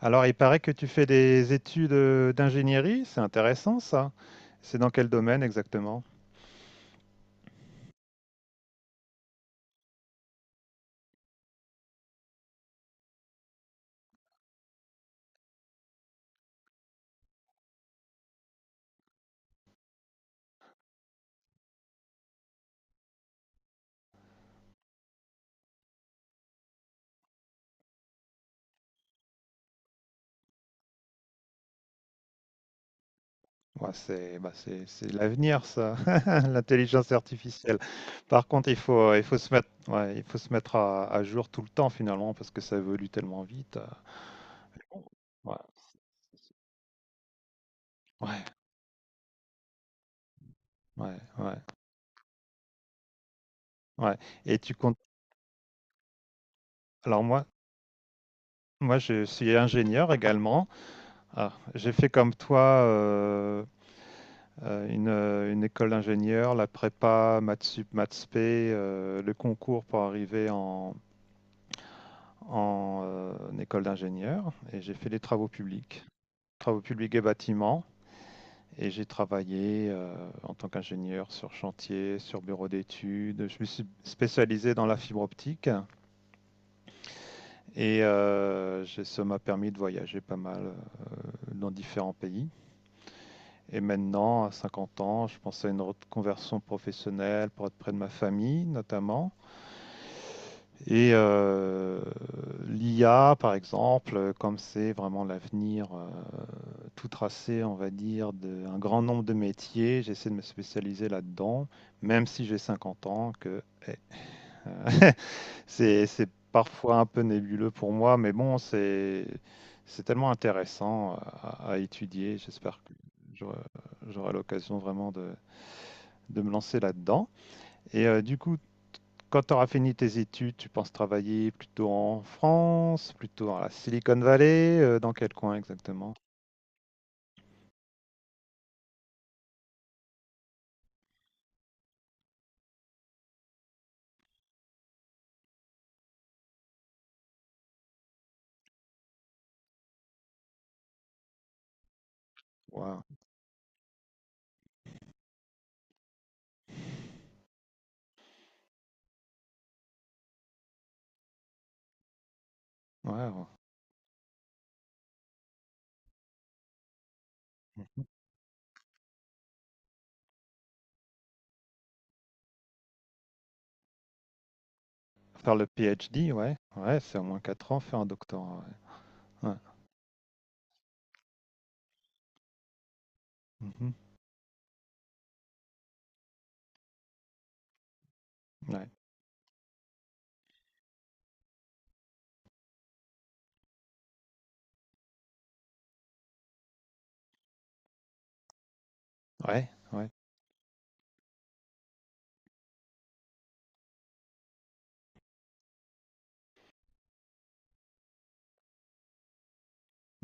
Alors, il paraît que tu fais des études d'ingénierie, c'est intéressant ça. C'est dans quel domaine exactement? Ouais, c'est c'est l'avenir ça, l'intelligence artificielle. Par contre, il faut se mettre, ouais, il faut se mettre à jour tout le temps finalement parce que ça évolue tellement vite. Ouais, ouais, ouais, ouais. Ouais. Et tu comptes. Alors moi, Moi, je suis ingénieur également. Ah, j'ai fait comme toi. Une école d'ingénieur, la prépa, maths sup, maths p, le concours pour arriver en école d'ingénieur. Et j'ai fait les travaux publics et bâtiments. Et j'ai travaillé en tant qu'ingénieur sur chantier, sur bureau d'études. Je me suis spécialisé dans la fibre optique et ça m'a permis de voyager pas mal dans différents pays. Et maintenant, à 50 ans, je pense à une reconversion professionnelle pour être près de ma famille, notamment. Et euh, L'IA, par exemple, comme c'est vraiment l'avenir tout tracé, on va dire, d'un grand nombre de métiers, j'essaie de me spécialiser là-dedans, même si j'ai 50 ans, eh, c'est parfois un peu nébuleux pour moi, mais bon, c'est tellement intéressant à étudier. J'espère que j'aurai j'aurai l'occasion vraiment de me lancer là-dedans. Et du coup, quand tu auras fini tes études, tu penses travailler plutôt en France, plutôt dans la Silicon Valley, dans quel coin exactement? Waouh, ouais, ouais. Mhm. Faire le PhD, ouais, ouais, c'est au moins 4 ans, faire un doctorat, ouais. Ouais, mhm. Ouais, ouais, ouais,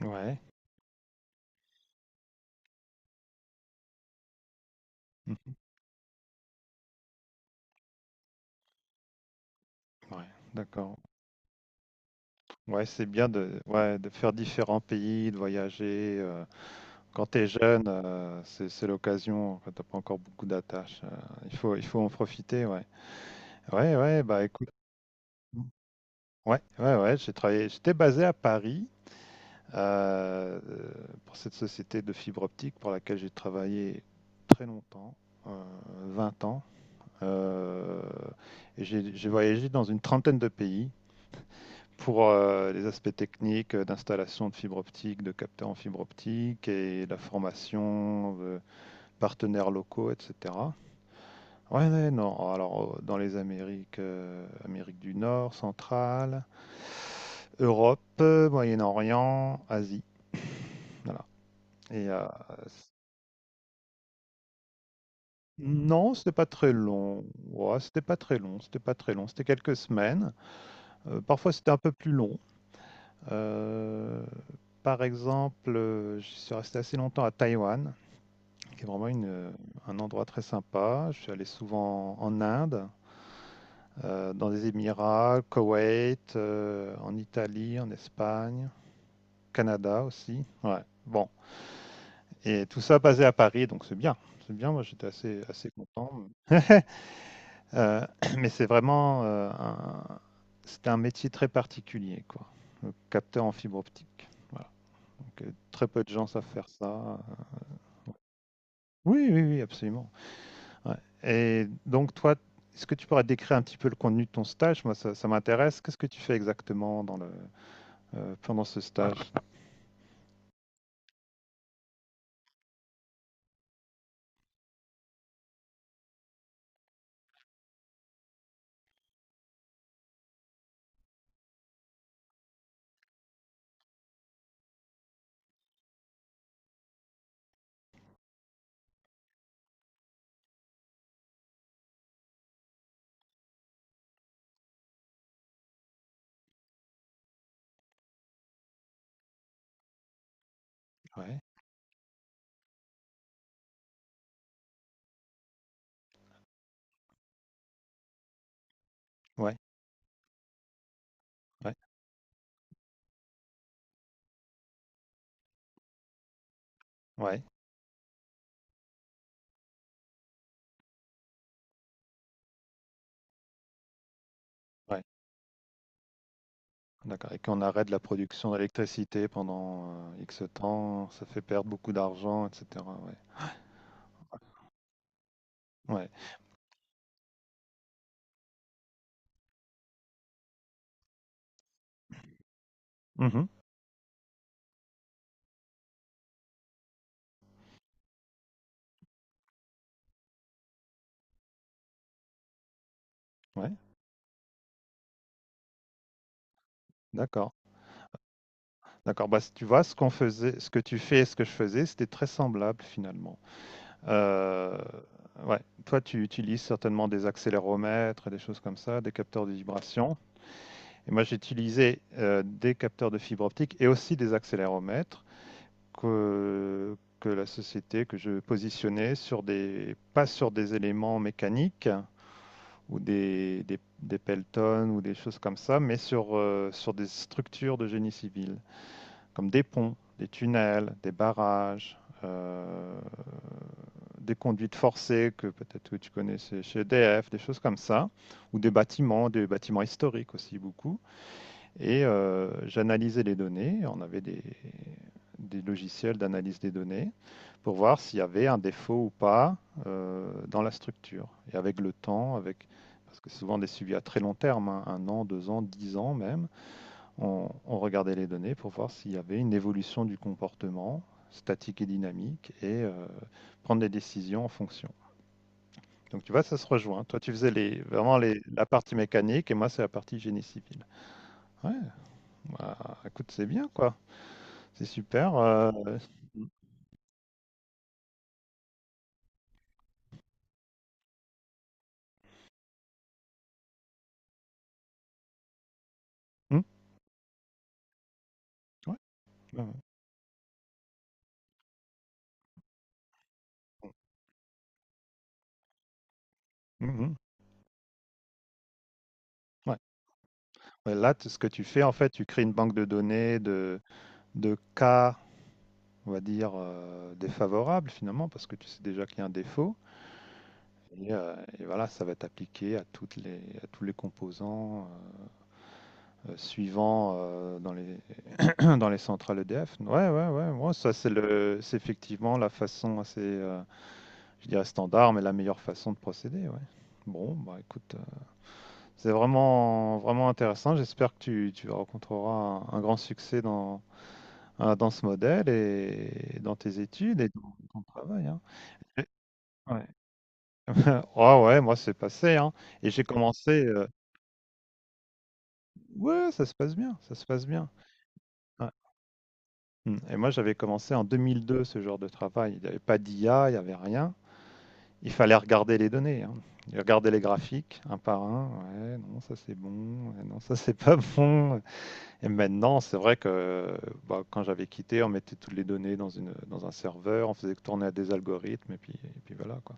ouais, mhm. Ouais, d'accord. Ouais, c'est bien de, ouais, de faire différents pays, de voyager. Quand tu es jeune, c'est l'occasion, quand t'as pas encore beaucoup d'attaches. Il faut en profiter, ouais. Ouais, ouais, bah écoute. Ouais, ouais, ouais, j'ai travaillé, j'étais basé à Paris euh, pour cette société de fibre optique pour laquelle j'ai travaillé très longtemps, euh, 20 ans. Euh, et j'ai voyagé dans une trentaine de pays pour les aspects techniques d'installation de fibre optique, de capteurs en fibre optique et la formation de partenaires locaux, etc. Ouais, ouais, non. Alors, dans les Amériques, Amérique du Nord, centrale, Europe, Moyen-Orient, Asie, voilà. Et c- non, c'était pas très long. Ouais, c'était pas très long. C'était pas très long. C'était quelques semaines. Parfois, c'était un peu plus long. Euh, Par exemple, je suis resté assez longtemps à Taïwan, qui est vraiment un endroit très sympa. Je suis allé souvent en Inde. Dans les Émirats, Koweït, en Italie, en Espagne, Canada aussi. Ouais. Bon, et tout ça basé à Paris, donc c'est bien. C'est bien, moi j'étais assez, assez content. Euh, mais c'est vraiment c'était un métier très particulier, quoi. Le capteur en fibre optique. Voilà. Donc, très peu de gens savent faire ça. Oui, oui, oui, absolument. Ouais. Et donc toi, est-ce que tu pourrais décrire un petit peu le contenu de ton stage? Moi, ça m'intéresse. Qu'est-ce que tu fais exactement dans pendant ce stage? Ouais, ouais, ouais, ouais, ouais. D'accord, et qu'on arrête la production d'électricité pendant, X temps, ça fait perdre beaucoup d'argent et cetera, ouais. Ouais. Mmh. Ouais, d'accord. D'accord, bah, c tu vois ce qu'on faisait, ce que tu fais et ce que je faisais, c'était très semblable finalement. Heu, ouais, toi tu utilises certainement des accéléromètres et des choses comme ça, des capteurs de vibrations, et moi j'utilisais, des capteurs de fibre optique et aussi des accéléromètres que la société que je positionnais sur des, pas sur des éléments mécaniques ou des pelotons ou des choses comme ça, mais sur, sur des structures de génie civil, comme des ponts, des tunnels, des barrages, des conduites forcées que peut-être tu connaissais chez EDF, des choses comme ça, ou des bâtiments historiques aussi beaucoup. Et j'analysais les données. On avait des logiciels d'analyse des données pour voir s'il y avait un défaut ou pas dans la structure. Et avec le temps, avec parce que souvent des suivis à très long terme, hein, un an, deux ans, dix ans même, on regardait les données pour voir s'il y avait une évolution du comportement statique et dynamique et prendre des décisions en fonction. Donc tu vois, ça se rejoint. Toi, tu faisais la partie mécanique et moi, c'est la partie génie civil. Ouais, bah, écoute, c'est bien quoi. C'est super, mmh, ouais, ouais, ouais. Mmh. Ouais. Ouais, là, t ce que tu fais, en fait, tu crées une banque de données de cas, on va dire, défavorables finalement, parce que tu sais déjà qu'il y a un défaut, et voilà, ça va être appliqué à toutes les à tous les composants, suivants, dans les dans les centrales EDF. Ouais, ouais, ouais. Moi, ça c'est le c'est effectivement la façon assez, je dirais standard, mais la meilleure façon de procéder, ouais. Bon, bah, écoute, c'est vraiment, vraiment intéressant. J'espère que tu rencontreras un grand succès dans, dans ce modèle et dans tes études et dans ton travail. Hein. Et- Ouais. Ah ouais, moi c'est passé, hein. Et j'ai commencé. Ouais, ça se passe bien, ça se passe bien. Ouais. Mm. Et moi j'avais commencé en 2002 ce genre de travail. Il n'y avait pas d'IA, il n'y avait rien. Il fallait regarder les données, hein. Regarder les graphiques un par un. Ouais, non, ça c'est bon. Ouais, non, ça c'est pas bon. Et maintenant, c'est vrai que bah, quand j'avais quitté, on mettait toutes les données dans un serveur, on faisait tourner à des algorithmes, et puis voilà, quoi.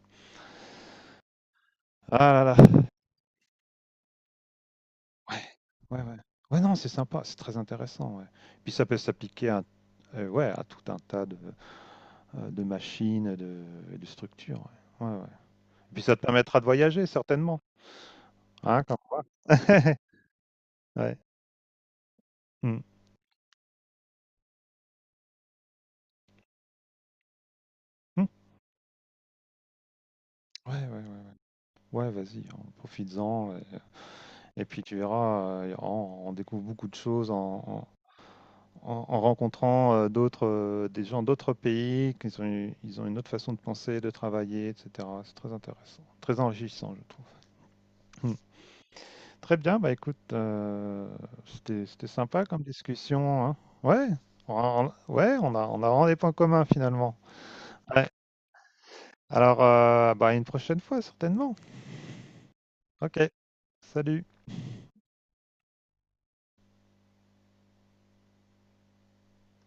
Ah là là, ouais, ouais, ouais. Ouais, non, c'est sympa, c'est très intéressant, ouais. Puis ça peut s'appliquer à, ouais, à tout un tas de machines, de, et de structures, ouais. Ouais, ouais. Puis ça te permettra de voyager, certainement, hein, quand... Ouais. Hmm. Hmm. Ouais, ouais, ouais. Ouais, vas-y, en profites-en. Ouais. Et puis tu verras, on découvre beaucoup de choses en rencontrant des gens d'autres pays, qu'ils ont, ils ont une autre façon de penser, de travailler, etc. C'est très intéressant, très enrichissant, je trouve. Hmm. Très bien, bah écoute, c'était, c'était sympa comme discussion, hein. Ouais, on, ouais, on a vraiment des points communs finalement. Ouais. Alors, bah, à une prochaine fois certainement. Ok, salut.